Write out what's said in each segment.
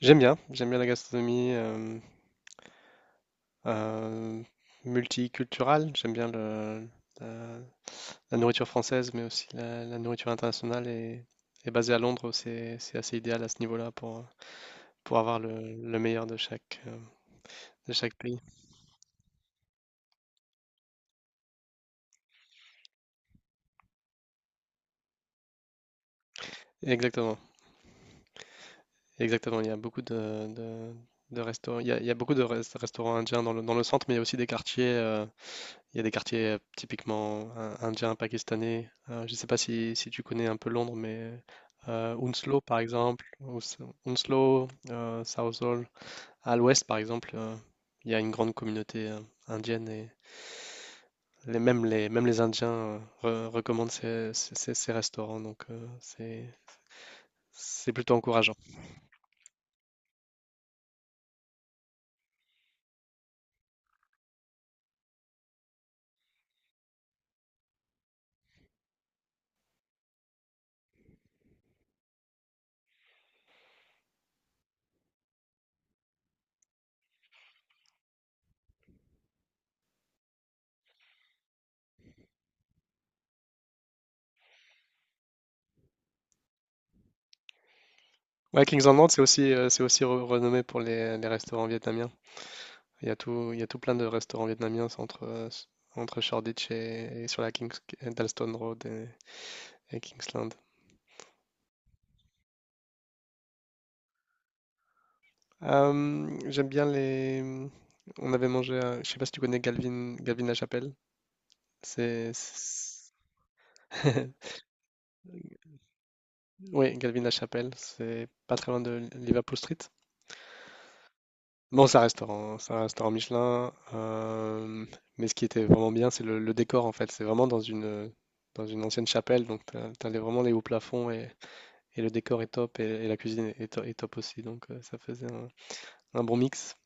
J'aime bien la gastronomie euh, multiculturelle, j'aime bien la, la nourriture française, mais aussi la nourriture internationale. Et basée à Londres, c'est assez idéal à ce niveau-là pour avoir le meilleur de chaque pays. Exactement, exactement. Il y a beaucoup de restaurants, il y a beaucoup de restaurants indiens dans le centre, mais il y a aussi des quartiers. Il y a des quartiers typiquement indiens, pakistanais. Je ne sais pas si tu connais un peu Londres, mais Hounslow, par exemple, Hounslow, Southall, à l'ouest, par exemple, il y a une grande communauté indienne et même les Indiens recommandent ces restaurants, donc c'est plutôt encourageant. Ouais, Kings Landing, c'est aussi renommé pour les restaurants vietnamiens. Il y a tout plein de restaurants vietnamiens, c'est entre Shoreditch et sur la Kings, Dalston Road et Kingsland. J'aime bien les. On avait mangé à. Je sais pas si tu connais Galvin, Galvin La Chapelle. C'est. c'est- Oui, Galvin La Chapelle. C'est pas très loin de Liverpool Street. Bon, c'est un restaurant, hein, c'est un restaurant Michelin. Mais ce qui était vraiment bien, c'est le décor en fait. C'est vraiment dans une ancienne chapelle. Donc, t'as vraiment les hauts plafonds et le décor est top et la cuisine est top aussi. Donc ça faisait un bon mix.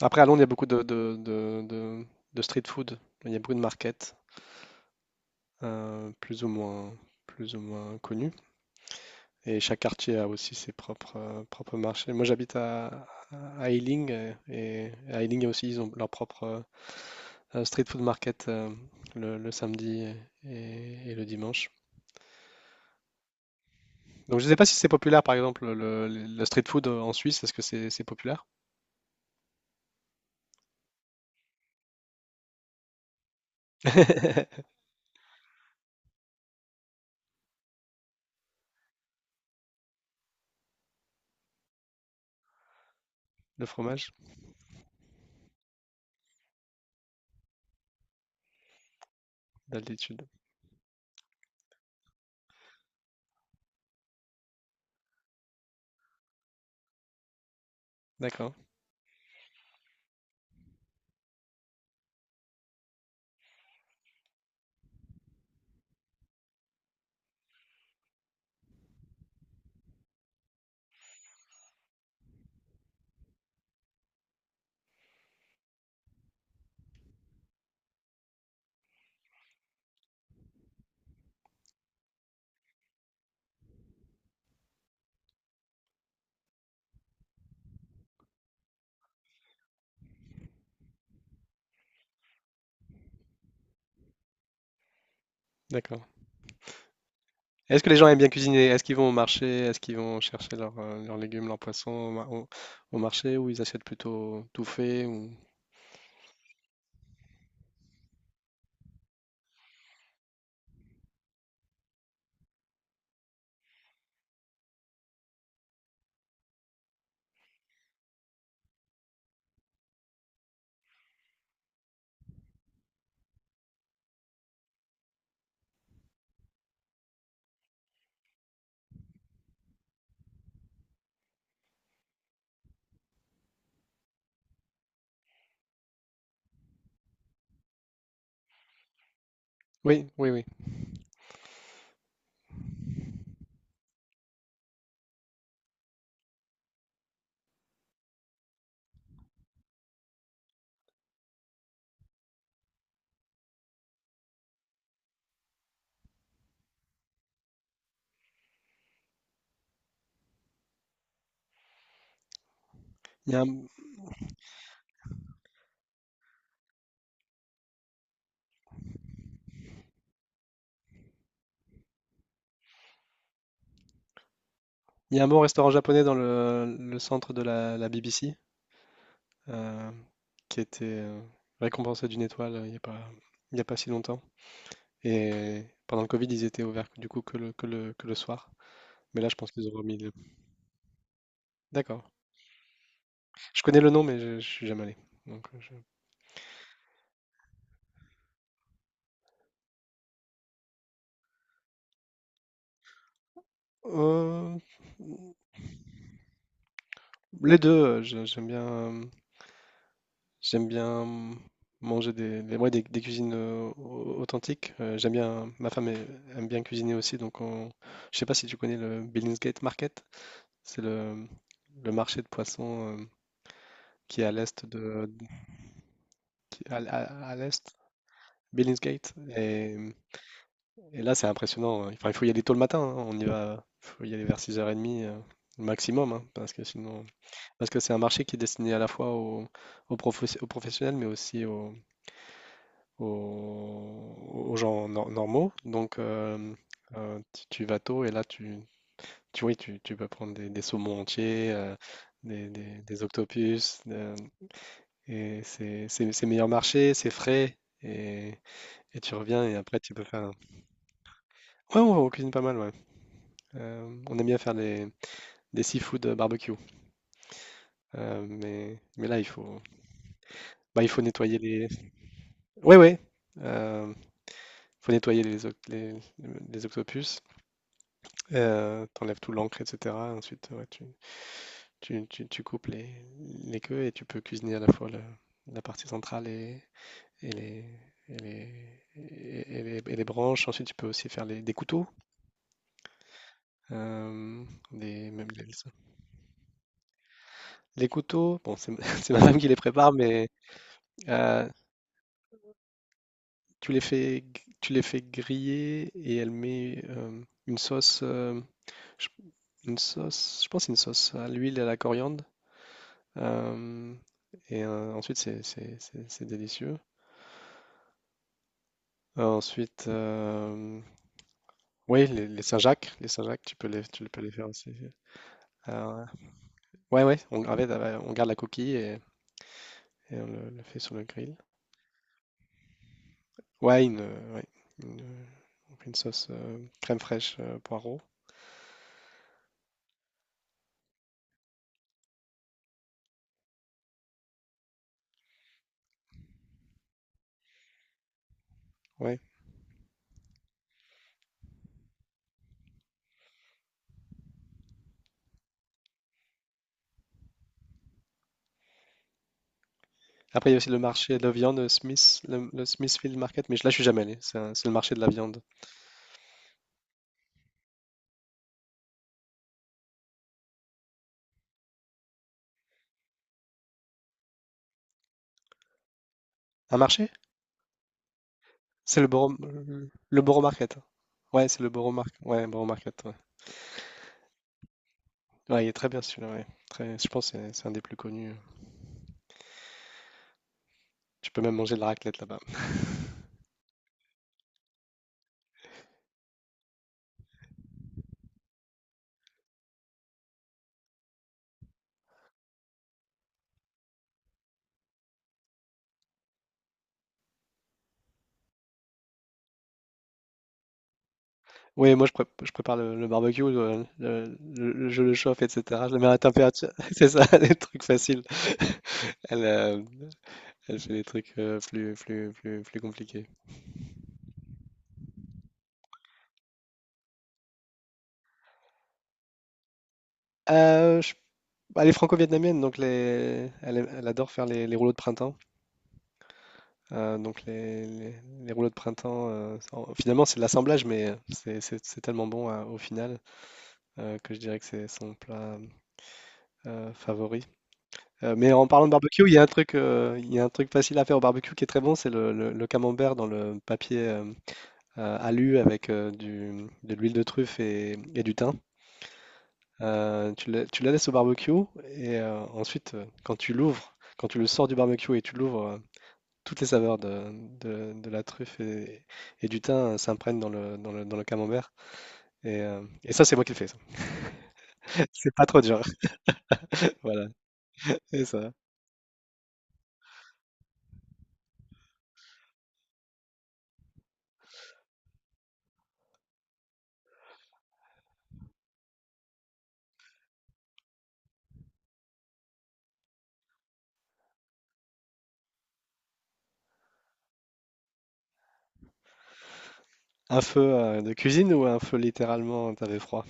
Après, à Londres, il y a beaucoup de street food. Il y a beaucoup de markets, euh, plus ou moins, plus ou moins connus. Et chaque quartier a aussi ses propres marchés. Moi, j'habite à Ealing, et à Ealing aussi, ils ont leur propre street food market, le samedi et le dimanche. Donc, je ne sais pas si c'est populaire, par exemple, le street food en Suisse. Est-ce que c'est populaire? Le fromage? D'altitude. D'accord, d'accord. Est-ce que les gens aiment bien cuisiner? Est-ce qu'ils vont au marché? Est-ce qu'ils vont chercher leurs légumes, leurs poissons au marché ou ils achètent plutôt tout fait ou. Oui, oui, oui. Il y a un, il y a un bon restaurant japonais dans le centre de la BBC euh, qui était récompensé d'une étoile, il y a pas si longtemps. Et pendant le Covid, ils étaient ouverts du coup que le soir. Mais là, je pense qu'ils ont remis le. D'accord. Je connais le nom, mais je suis jamais allé. Donc, je. Euh, Les 2, je j'aime bien manger des ouais, des cuisines, au authentiques. J'aime bien Ma femme ai aime bien cuisiner aussi, donc on. Je sais pas si tu connais le Billingsgate Market? C'est le marché de poissons, qui est à l'est de, qui à l'est, Billingsgate et et là, c'est impressionnant, hein. Enfin, il faut y aller tôt le matin, hein, on y va faut y aller vers 6:30, maximum, hein, parce que c'est un marché qui est destiné à la fois aux professionnels, mais aussi aux gens normaux. Donc, tu vas tôt et là, oui, tu peux prendre des saumons entiers, des octopus. Et c'est meilleur marché, c'est frais. Et, et tu reviens et après, tu peux faire. Ouais, on cuisine pas mal, ouais. On aime bien faire des seafood barbecue. Mais là, bah, il faut nettoyer les. Ouais, ouais. euh, Faut nettoyer les octopus. Tu Tout l'encre et cetera, ensuite, ouais, tu coupes les queues et tu peux cuisiner à la fois le la partie centrale et les et les et les branches. Ensuite, tu peux aussi faire les des couteaux, hem, des même les couteaux, bon, c'est c'est ma femme qui les prépare, mais heu, tu les fais griller et elle met, une sauce, hem, j une sauce, je pense une sauce à l'huile et à la coriandre. Euh, et ensuite, c'est délicieux. Ensuite, oui, les Saint-Jacques, tu peux les faire aussi. Euh, ouais, ouais, en fait, on garde la coquille et on le fait sur le grill. Ouais, ouais, une, euh, on fait une sauce crème fraîche, poireau. Ouais. Après, il y a aussi le marché de la viande, le Smithfield Market, mais là, je suis jamais allé. C'est le marché de la viande. Un marché? C'est le Borough Market. Ouais, c'est le Borough Market. Ouais, Borough Market. Ouais, il est très bien celui-là, ouais. Très, je pense que c'est un des plus connus. Tu peux même manger de la raclette là-bas. Oui, je prépare le barbecue, je le chauffe, etc. Je le mets à la température. C'est ça, les trucs faciles. Elle, euh, Elle fait des trucs plus compliqués. Euh, je- Bah, elle est franco-vietnamienne, donc elle adore faire les rouleaux de printemps. Donc les rouleaux de printemps, finalement c'est de l'assemblage, mais c'est tellement bon au final que je dirais que c'est son plat, favori. Mais en parlant de barbecue, il y a un truc facile à faire au barbecue qui est très bon, c'est le camembert dans le papier, alu, avec du de l'huile de truffe et du thym. Tu la laisses au barbecue et ensuite, quand tu le sors du barbecue et tu l'ouvres, toutes les saveurs de la truffe et du thym, s'imprègnent dans le camembert et ça, c'est moi qui le fais ça. C'est pas trop dur. Voilà, c'est ça. Un feu, de cuisine ou un feu littéralement t'avais froid?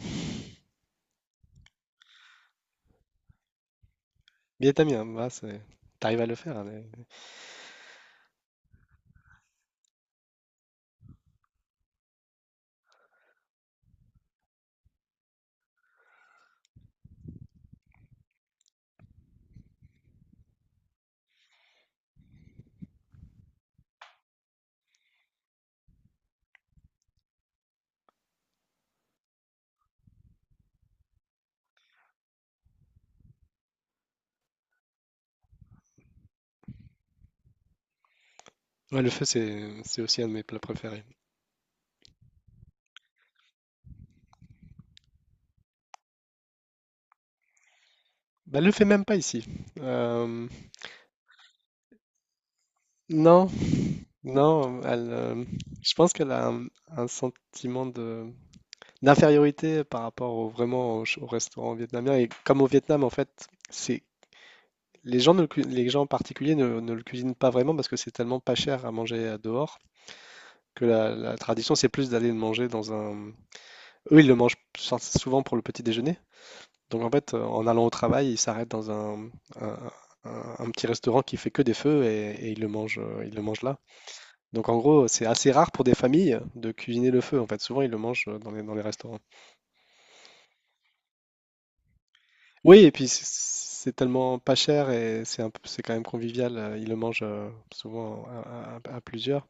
Vietnamien, bah, c'est tu arrives à le faire, hein, ouais, le feu, c'est aussi un de mes plats préférés. Bah, le fait même pas ici. Euh, non, non, je pense qu'elle a un sentiment de d'infériorité par rapport au restaurant vietnamien. Et comme au Vietnam, en fait, c'est. Les gens en particulier ne le cuisinent pas vraiment parce que c'est tellement pas cher à manger dehors, que la tradition, c'est plus d'aller le manger dans un. Eux, ils le mangent souvent pour le petit déjeuner. Donc en fait, en allant au travail, il s'arrête dans un- un petit restaurant qui fait que des feux et il le mange là. Donc en gros, c'est assez rare pour des familles de cuisiner le feu. En fait, souvent ils le mangent dans les restaurants. Oui, et puis c'est tellement pas cher et c'est quand même convivial. Ils le mangent souvent à plusieurs,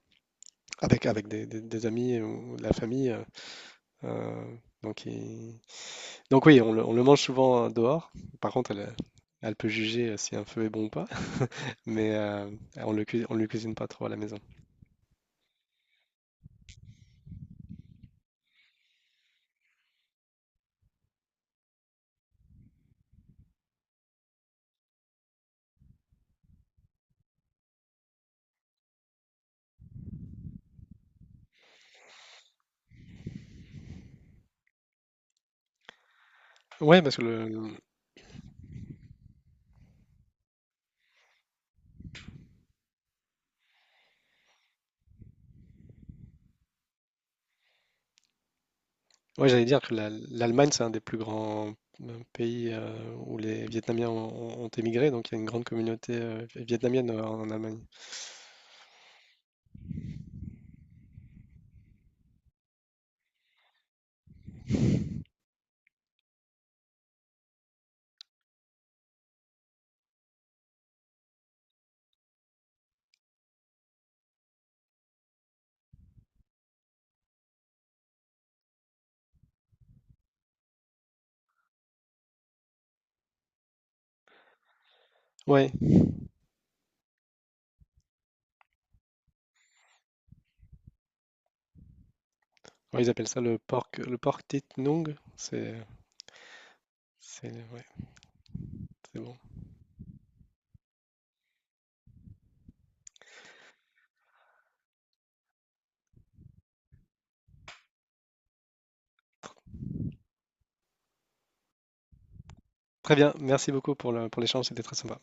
avec des amis ou de la famille. Euh, donc, il- donc oui, on le mange souvent dehors. Par contre, elle, elle peut juger si un feu est bon ou pas. Mais on le cuisine pas trop à la maison. Ouais, parce que le- ouais, j'allais dire que l'Allemagne, c'est un des plus grands pays où les Vietnamiens ont émigré, donc il y a une grande communauté vietnamienne en Allemagne. Ouais, ouais, ils appellent ça le pork tit nung. Ouais, c'est bon. Tr- Très bien, merci beaucoup pour l'échange, c'était très sympa.